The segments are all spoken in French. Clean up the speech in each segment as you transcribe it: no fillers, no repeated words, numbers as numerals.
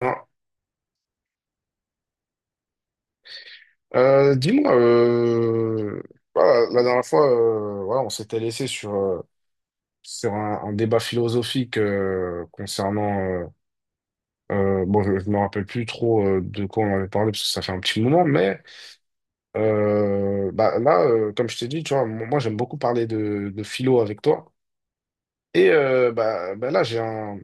Non. Dis-moi, voilà, la dernière fois, voilà, on s'était laissé sur un débat philosophique concernant. Bon, je ne me rappelle plus trop de quoi on avait parlé parce que ça fait un petit moment, mais bah, là, comme je t'ai dit, tu vois, moi j'aime beaucoup parler de philo avec toi. Et bah, là, j'ai un,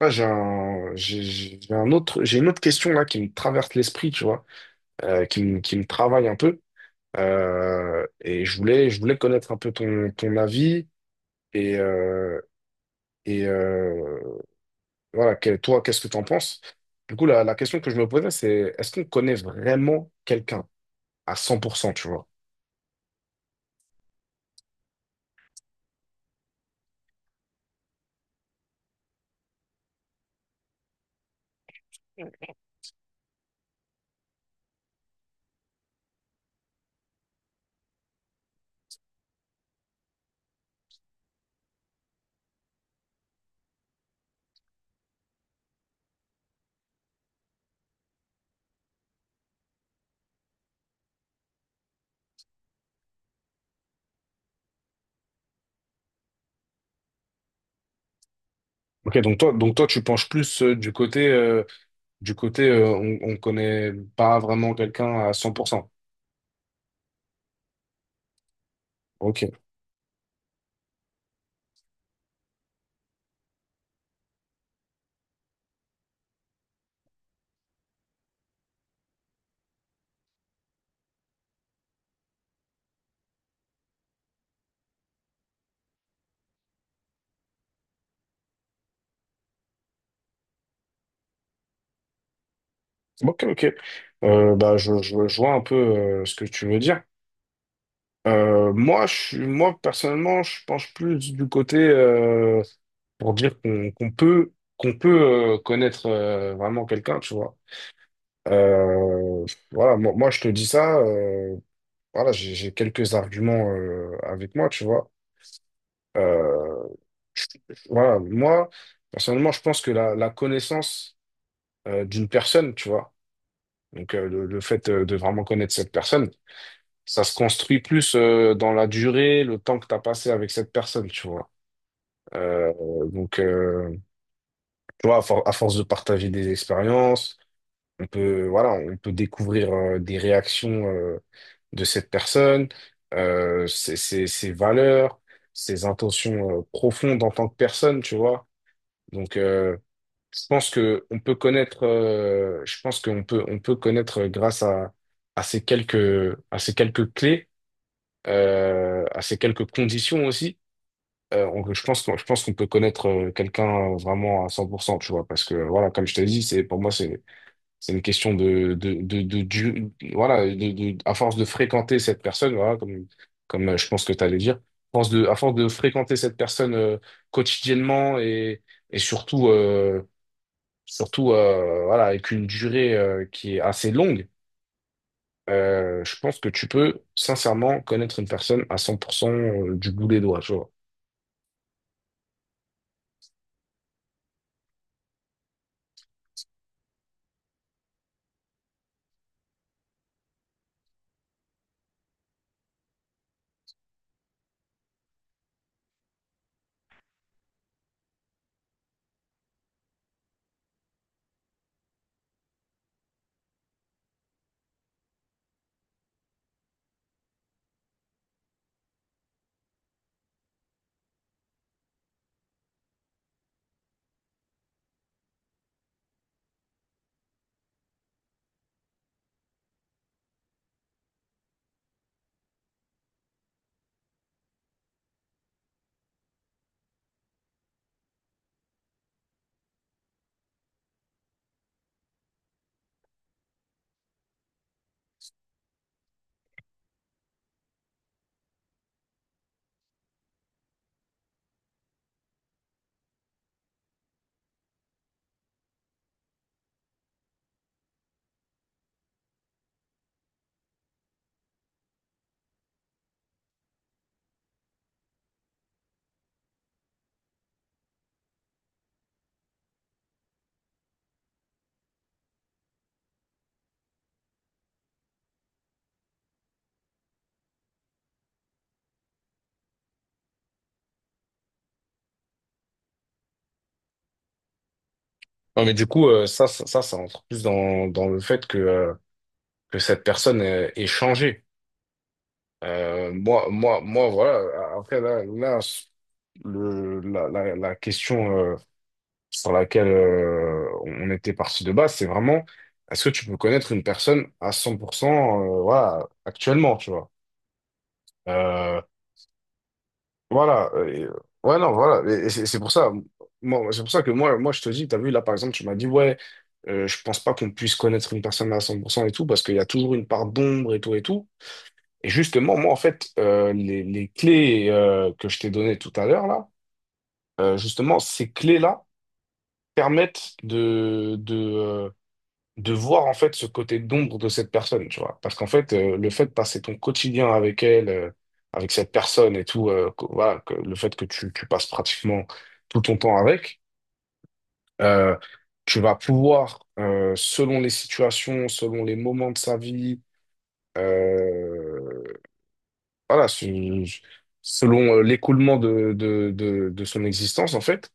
là, j'ai un, j'ai une autre question là qui me traverse l'esprit, tu vois, qui me travaille un peu. Et je voulais, connaître un peu ton avis et, euh, et euh, voilà, toi, qu'est-ce que tu en penses? Du coup, la question que je me posais, c'est est-ce qu'on connaît vraiment quelqu'un à cent pour cent, tu vois? Ok, donc toi, tu penches plus du côté, on connaît pas vraiment quelqu'un à cent pour cent. Ok, ok, ok. Bah, je vois un peu ce que tu veux dire. Moi, moi, personnellement, je penche plus du côté pour dire qu'on peut connaître vraiment quelqu'un, tu vois. Euh, voilà, moi, je te dis ça, voilà, j'ai quelques arguments avec moi, tu vois. Euh, voilà, moi, personnellement, je pense que la connaissance d'une personne, tu vois, donc le fait de vraiment connaître cette personne, ça se construit plus dans la durée, le temps que tu as passé avec cette personne, tu vois. Euh, donc, euh, Tu vois, à force de partager des expériences, on peut, voilà, on peut découvrir des réactions de cette personne, ses valeurs, ses intentions profondes en tant que personne, tu vois. Donc, je pense on peut connaître grâce à, à ces quelques clés, à ces quelques conditions aussi. Je pense qu'on peut connaître quelqu'un vraiment à cent pour cent, tu vois, parce que voilà, comme je te dis, c'est pour moi, c'est une question voilà, à force de fréquenter cette personne, voilà, comme je pense que tu allais dire, à force de fréquenter cette personne quotidiennement et surtout, voilà, avec une durée qui est assez longue, je pense que tu peux sincèrement connaître une personne à 100% du bout des doigts, tu vois. Non, mais du coup, ça entre plus dans le fait que cette personne est changée. Moi, voilà. Après, là, la question sur laquelle on était parti de base, c'est vraiment, est-ce que tu peux connaître une personne à 100%, voilà, actuellement, tu vois? Euh, voilà. Ouais, non, voilà. Et c'est pour ça, que moi, je te dis, t'as vu, là, par exemple, tu m'as dit, ouais, je pense pas qu'on puisse connaître une personne à 100% et tout, parce qu'il y a toujours une part d'ombre et tout et tout. Et justement, moi, en fait, les clés que je t'ai données tout à l'heure, là, justement, ces clés-là permettent de voir, en fait, ce côté d'ombre de cette personne, tu vois. Parce qu'en fait, le fait de passer ton quotidien avec elle, avec cette personne et tout, voilà, que, le fait tu passes pratiquement tout ton temps avec, euh, tu vas pouvoir, selon les situations, selon les moments de sa vie, euh, Voilà, je- je- selon l'écoulement de son existence, en fait,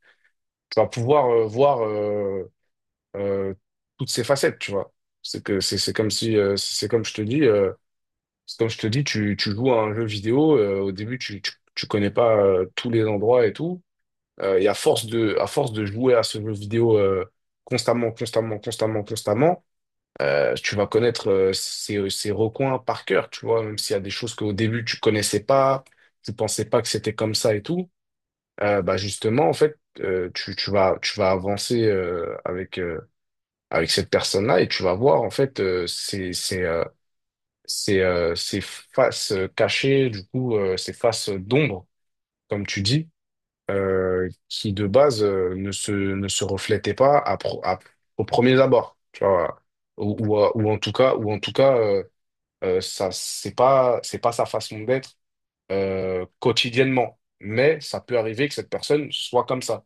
tu vas pouvoir voir euh, toutes ses facettes, tu vois. C'est comme si c'est comme je te dis, tu joues à un jeu vidéo, au début tu connais pas tous les endroits et tout, et à force de jouer à ce jeu vidéo constamment constamment constamment constamment, tu vas connaître ces recoins par cœur, tu vois, même s'il y a des choses qu'au début tu connaissais pas, tu pensais pas que c'était comme ça et tout, bah justement, en fait, tu vas avancer avec cette personne-là et tu vas voir, en fait, ces faces cachées, du coup, ces faces d'ombre, comme tu dis, qui de base ne se reflétaient pas au premier abord, tu vois, ou en tout cas, c'est pas sa façon d'être quotidiennement. Mais ça peut arriver que cette personne soit comme ça.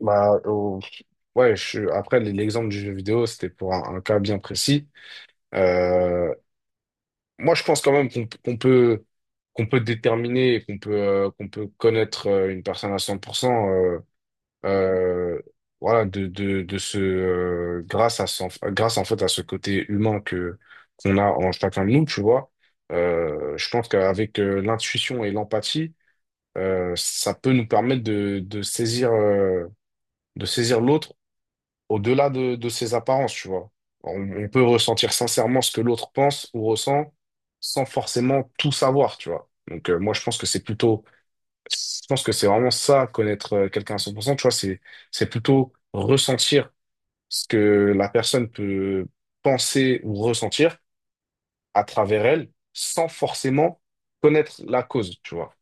Bah, ouais, après, l'exemple du jeu vidéo, c'était pour un cas bien précis. Euh, Moi, je pense quand même qu'on peut, déterminer, et qu'on peut connaître une personne à cent pour cent, euh, voilà, de ce grâce en fait à ce côté humain que qu'on a en chacun de nous, tu vois. Je pense qu'avec l'intuition et l'empathie, ça peut nous permettre de saisir l'autre au-delà de ses apparences, tu vois. On peut ressentir sincèrement ce que l'autre pense ou ressent sans forcément tout savoir, tu vois. Donc moi je pense que c'est plutôt, je pense que c'est vraiment ça, connaître quelqu'un à 100%. Tu vois, c'est plutôt ressentir ce que la personne peut penser ou ressentir à travers elle, sans forcément connaître la cause, tu vois.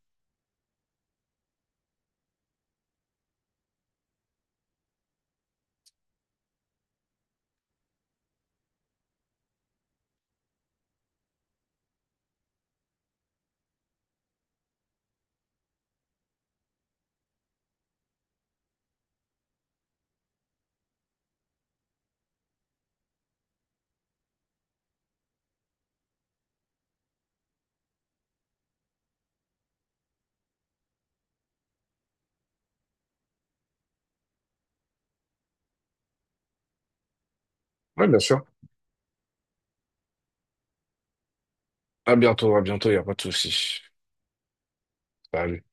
Oui, bien sûr. À bientôt, il n'y a pas de souci. Salut.